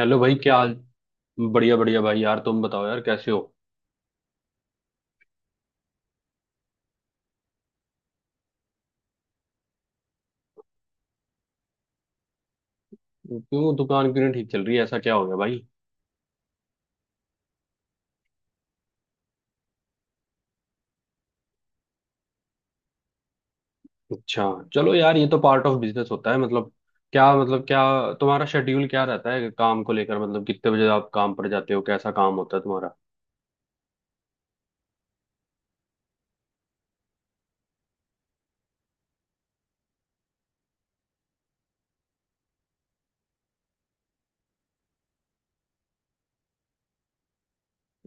Hello भाई क्या हाल। बढ़िया बढ़िया भाई यार तुम बताओ यार कैसे हो। क्यों दुकान क्यों नहीं ठीक चल रही है, ऐसा क्या हो गया भाई। अच्छा, चलो यार, ये तो पार्ट ऑफ बिजनेस होता है। मतलब क्या तुम्हारा शेड्यूल क्या रहता है काम को लेकर, मतलब कितने बजे आप काम पर जाते हो, कैसा काम होता है तुम्हारा।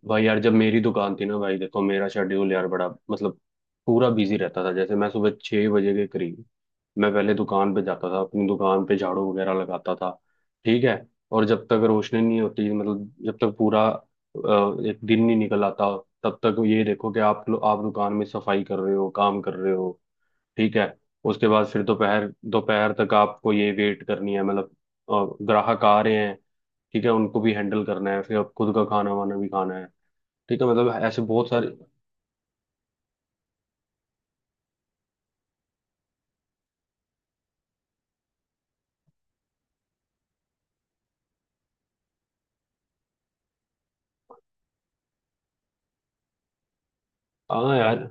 भाई यार जब मेरी दुकान थी ना भाई, देखो मेरा शेड्यूल यार बड़ा, मतलब पूरा बिजी रहता था। जैसे मैं सुबह 6 बजे के करीब मैं पहले दुकान पे जाता था, अपनी दुकान पे झाड़ू वगैरह लगाता था। ठीक है। और जब तक रोशनी नहीं होती, मतलब जब तक पूरा एक दिन नहीं निकल आता, तब तक ये देखो कि आप आप दुकान में सफाई कर रहे हो, काम कर रहे हो। ठीक है। उसके बाद फिर दोपहर दोपहर तक आपको ये वेट करनी है, मतलब ग्राहक आ रहे हैं। ठीक है, उनको भी हैंडल करना है, फिर अब खुद का खाना वाना भी खाना है। ठीक है, मतलब ऐसे बहुत सारे। हाँ यार।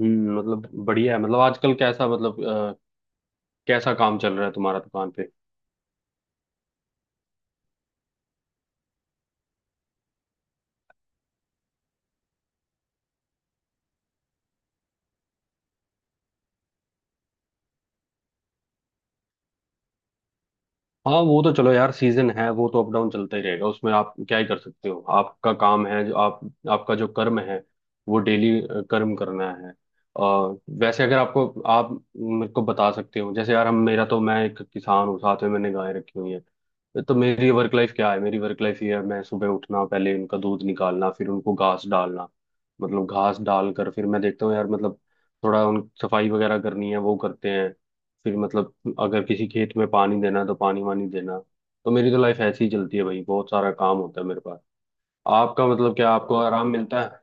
हम्म, मतलब बढ़िया है। मतलब आजकल कैसा, मतलब कैसा काम चल रहा है तुम्हारा दुकान पे। हाँ वो तो चलो यार, सीजन है, वो तो अप डाउन चलता ही रहेगा, उसमें आप क्या ही कर सकते हो। आपका काम है जो आप, आपका जो कर्म है वो डेली कर्म करना है। और वैसे अगर आपको, आप मेरे को बता सकते हो जैसे यार हम, मेरा तो, मैं एक किसान हूँ, साथ में मैंने गाय रखी हुई है। तो मेरी वर्क लाइफ क्या है, मेरी वर्क लाइफ ये है, मैं सुबह उठना, पहले उनका दूध निकालना, फिर उनको घास डालना, मतलब घास डाल कर फिर मैं देखता हूँ यार, मतलब थोड़ा उन सफाई वगैरह करनी है, वो करते हैं। फिर मतलब अगर किसी खेत में पानी देना है तो पानी वानी देना। तो मेरी तो लाइफ ऐसे ही चलती है भाई, बहुत सारा काम होता है मेरे पास। आपका मतलब क्या आपको आराम मिलता है।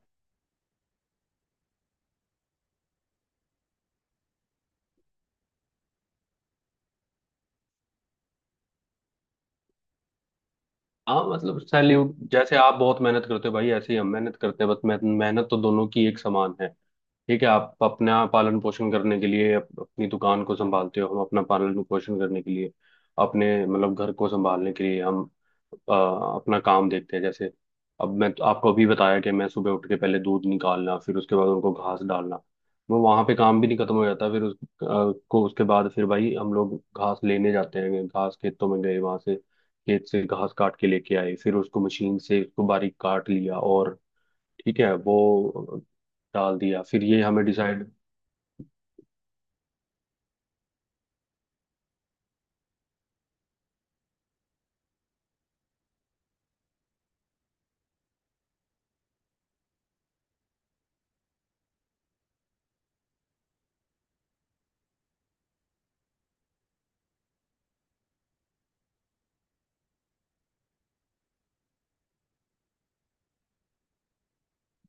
हाँ मतलब सैल्यूट, जैसे आप बहुत मेहनत करते हो भाई, ऐसे ही हम मेहनत करते हैं, बस मेहनत, मेहनत तो दोनों की एक समान है। ठीक है, आप अपना पालन पोषण करने के लिए अपनी दुकान को संभालते हो, हम अपना पालन पोषण करने के लिए, अपने मतलब घर को संभालने के लिए हम अपना काम देखते हैं। जैसे अब मैं तो आपको अभी बताया कि मैं सुबह उठ के पहले दूध निकालना, फिर उसके बाद उनको घास डालना, वो वहां पे काम भी नहीं खत्म हो जाता। फिर उस को उसके बाद फिर भाई हम लोग घास लेने जाते हैं, घास खेतों में गए, वहां से खेत से घास काट के लेके आए, फिर उसको मशीन से उसको बारीक काट लिया और ठीक है, वो डाल दिया। फिर ये हमें डिसाइड,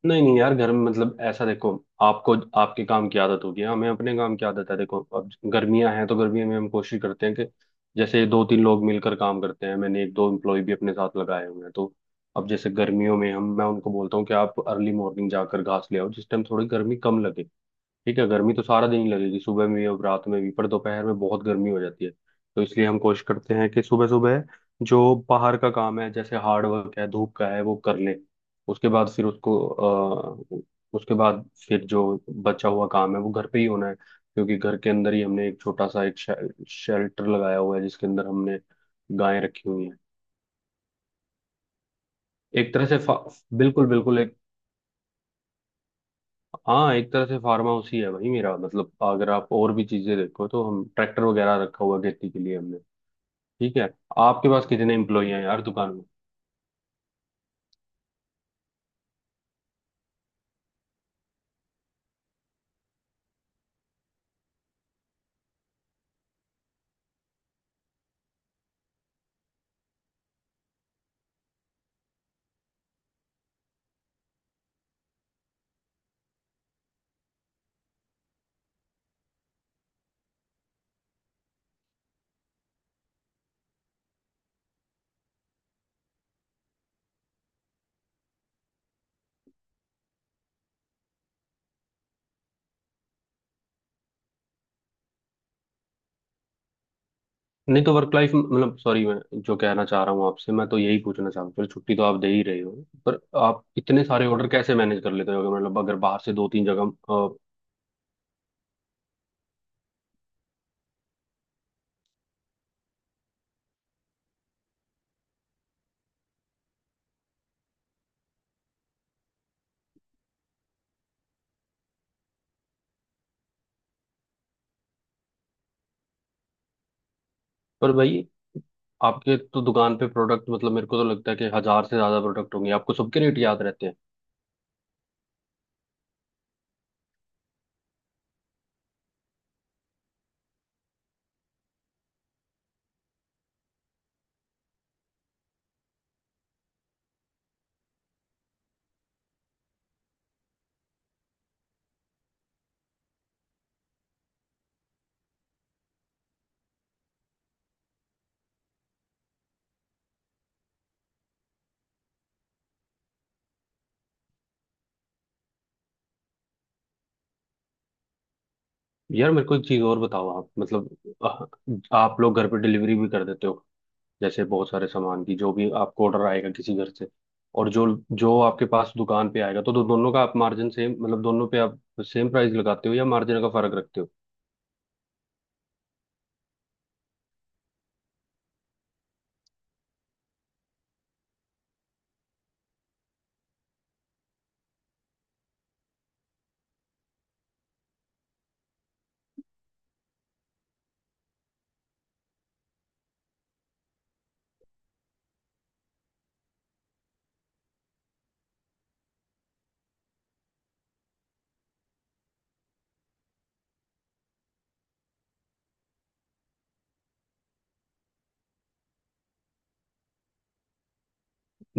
नहीं नहीं यार, घर में मतलब ऐसा देखो, आपको आपके काम की आदत होगी, हमें अपने काम की आदत है। देखो अब गर्मियां हैं, तो गर्मियों में हम कोशिश करते हैं कि जैसे दो तीन लोग मिलकर काम करते हैं, मैंने एक दो एम्प्लॉय भी अपने साथ लगाए हुए हैं। तो अब जैसे गर्मियों में हम मैं उनको बोलता हूँ कि आप अर्ली मॉर्निंग जाकर घास ले आओ, जिस टाइम थोड़ी गर्मी कम लगे। ठीक है, गर्मी तो सारा दिन ही लगेगी, सुबह में भी और रात में भी, पर दोपहर में बहुत गर्मी हो जाती है, तो इसलिए हम कोशिश करते हैं कि सुबह सुबह जो बाहर का काम है, जैसे हार्ड वर्क है, धूप का है, वो कर लें। उसके बाद फिर उसको उसके बाद फिर जो बचा हुआ काम है वो घर पे ही होना है, क्योंकि घर के अंदर ही हमने एक छोटा सा एक शेल्टर लगाया हुआ है, जिसके अंदर हमने गायें रखी हुई हैं। एक तरह से बिल्कुल बिल्कुल एक, हाँ एक तरह से फार्म हाउस ही है भाई मेरा। मतलब अगर आप और भी चीजें देखो तो हम ट्रैक्टर वगैरह रखा हुआ है खेती के लिए हमने। ठीक है, आपके पास कितने एम्प्लॉई हैं यार दुकान में। नहीं तो वर्क लाइफ मतलब, सॉरी मैं जो कहना चाह रहा हूँ आपसे, मैं तो यही पूछना चाह रहा हूँ। चलो छुट्टी तो आप दे ही रहे हो, पर आप इतने सारे ऑर्डर कैसे मैनेज कर लेते हो, अगर मतलब अगर बाहर से दो तीन जगह पर भाई आपके तो दुकान पे प्रोडक्ट, मतलब मेरे को तो लगता है कि हजार से ज्यादा प्रोडक्ट होंगे, आपको सबके रेट याद रहते हैं। यार मेरे को एक चीज और बताओ आप, मतलब आप लोग घर पे डिलीवरी भी कर देते हो। जैसे बहुत सारे सामान की जो भी आपको ऑर्डर आएगा किसी घर से, और जो, जो आपके पास दुकान पे आएगा, तो दोनों का आप मार्जिन सेम, मतलब दोनों पे आप सेम प्राइस लगाते हो या मार्जिन का फर्क रखते हो।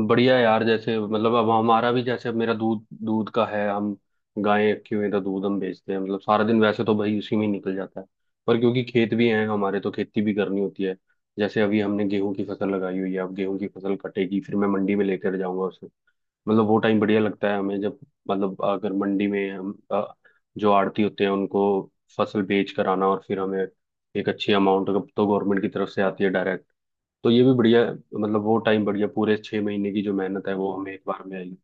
बढ़िया यार, जैसे मतलब अब हमारा भी, जैसे अब मेरा दूध दूध का है, हम गायें रखी हुई हैं, तो दूध हम बेचते हैं। मतलब सारा दिन वैसे तो भाई उसी में ही निकल जाता है, पर क्योंकि खेत भी हैं हमारे तो खेती भी करनी होती है। जैसे अभी हमने गेहूं की फसल लगाई हुई है, अब गेहूं की फसल कटेगी, फिर मैं मंडी में लेकर जाऊंगा उसे। मतलब वो टाइम बढ़िया लगता है हमें जब, मतलब अगर मंडी में हम जो आड़ती होते हैं उनको फसल बेच कर आना, और फिर हमें एक अच्छी अमाउंट तो गवर्नमेंट की तरफ से आती है डायरेक्ट, तो ये भी बढ़िया। मतलब वो टाइम बढ़िया, पूरे 6 महीने की जो मेहनत है वो हमें एक बार में आई।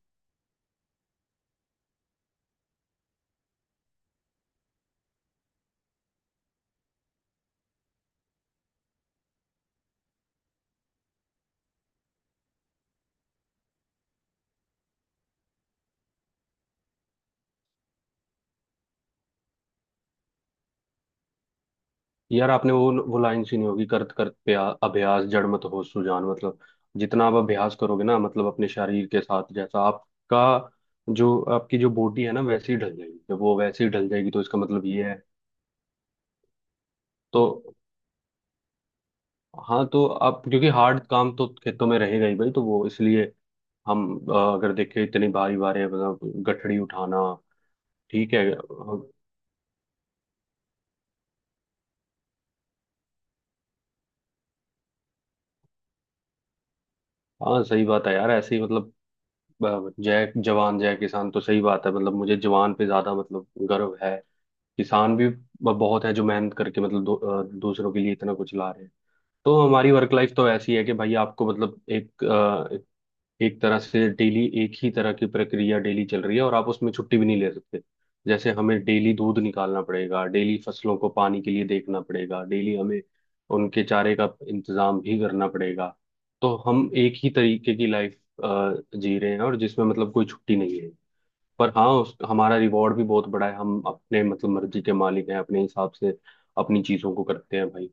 यार आपने वो लाइन सुनी होगी, करत करत अभ्यास जड़ मत हो सुजान। मतलब जितना आप अभ्यास करोगे ना, मतलब अपने शरीर के साथ, जैसा आपका, जो आपकी जो बॉडी है ना वैसे ही ढल जाएगी, जब वो वैसे ही ढल जाएगी तो इसका मतलब ये है तो, हाँ तो आप क्योंकि हार्ड काम तो खेतों में रहेगा ही भाई, तो वो इसलिए हम अगर देखें, इतनी भारी भारी मतलब गठड़ी उठाना। ठीक है। हाँ सही बात है यार, ऐसे ही मतलब जय जवान जय किसान तो सही बात है। मतलब मुझे जवान पे ज्यादा मतलब गर्व है, किसान भी बहुत है जो मेहनत करके, मतलब दूसरों के लिए इतना कुछ ला रहे हैं। तो हमारी वर्क लाइफ तो ऐसी है कि भाई, आपको मतलब एक एक तरह से डेली एक ही तरह की प्रक्रिया डेली चल रही है और आप उसमें छुट्टी भी नहीं ले सकते। जैसे हमें डेली दूध निकालना पड़ेगा, डेली फसलों को पानी के लिए देखना पड़ेगा, डेली हमें उनके चारे का इंतजाम भी करना पड़ेगा। तो हम एक ही तरीके की लाइफ जी रहे हैं, और जिसमें मतलब कोई छुट्टी नहीं है। पर हाँ हमारा रिवॉर्ड भी बहुत बड़ा है, हम अपने मतलब मर्जी के मालिक हैं, अपने हिसाब से अपनी चीजों को करते हैं भाई।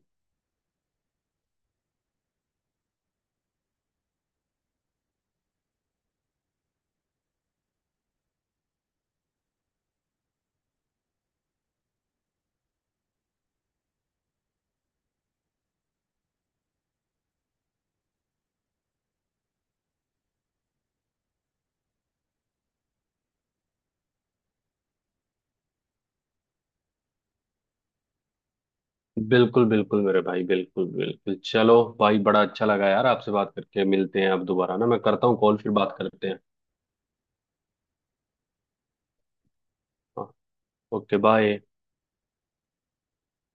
बिल्कुल बिल्कुल मेरे भाई, बिल्कुल बिल्कुल। चलो भाई, बड़ा अच्छा लगा यार आपसे बात करके, मिलते हैं आप दोबारा ना, मैं करता हूँ कॉल, फिर बात करते हैं। हाँ, ओके बाय।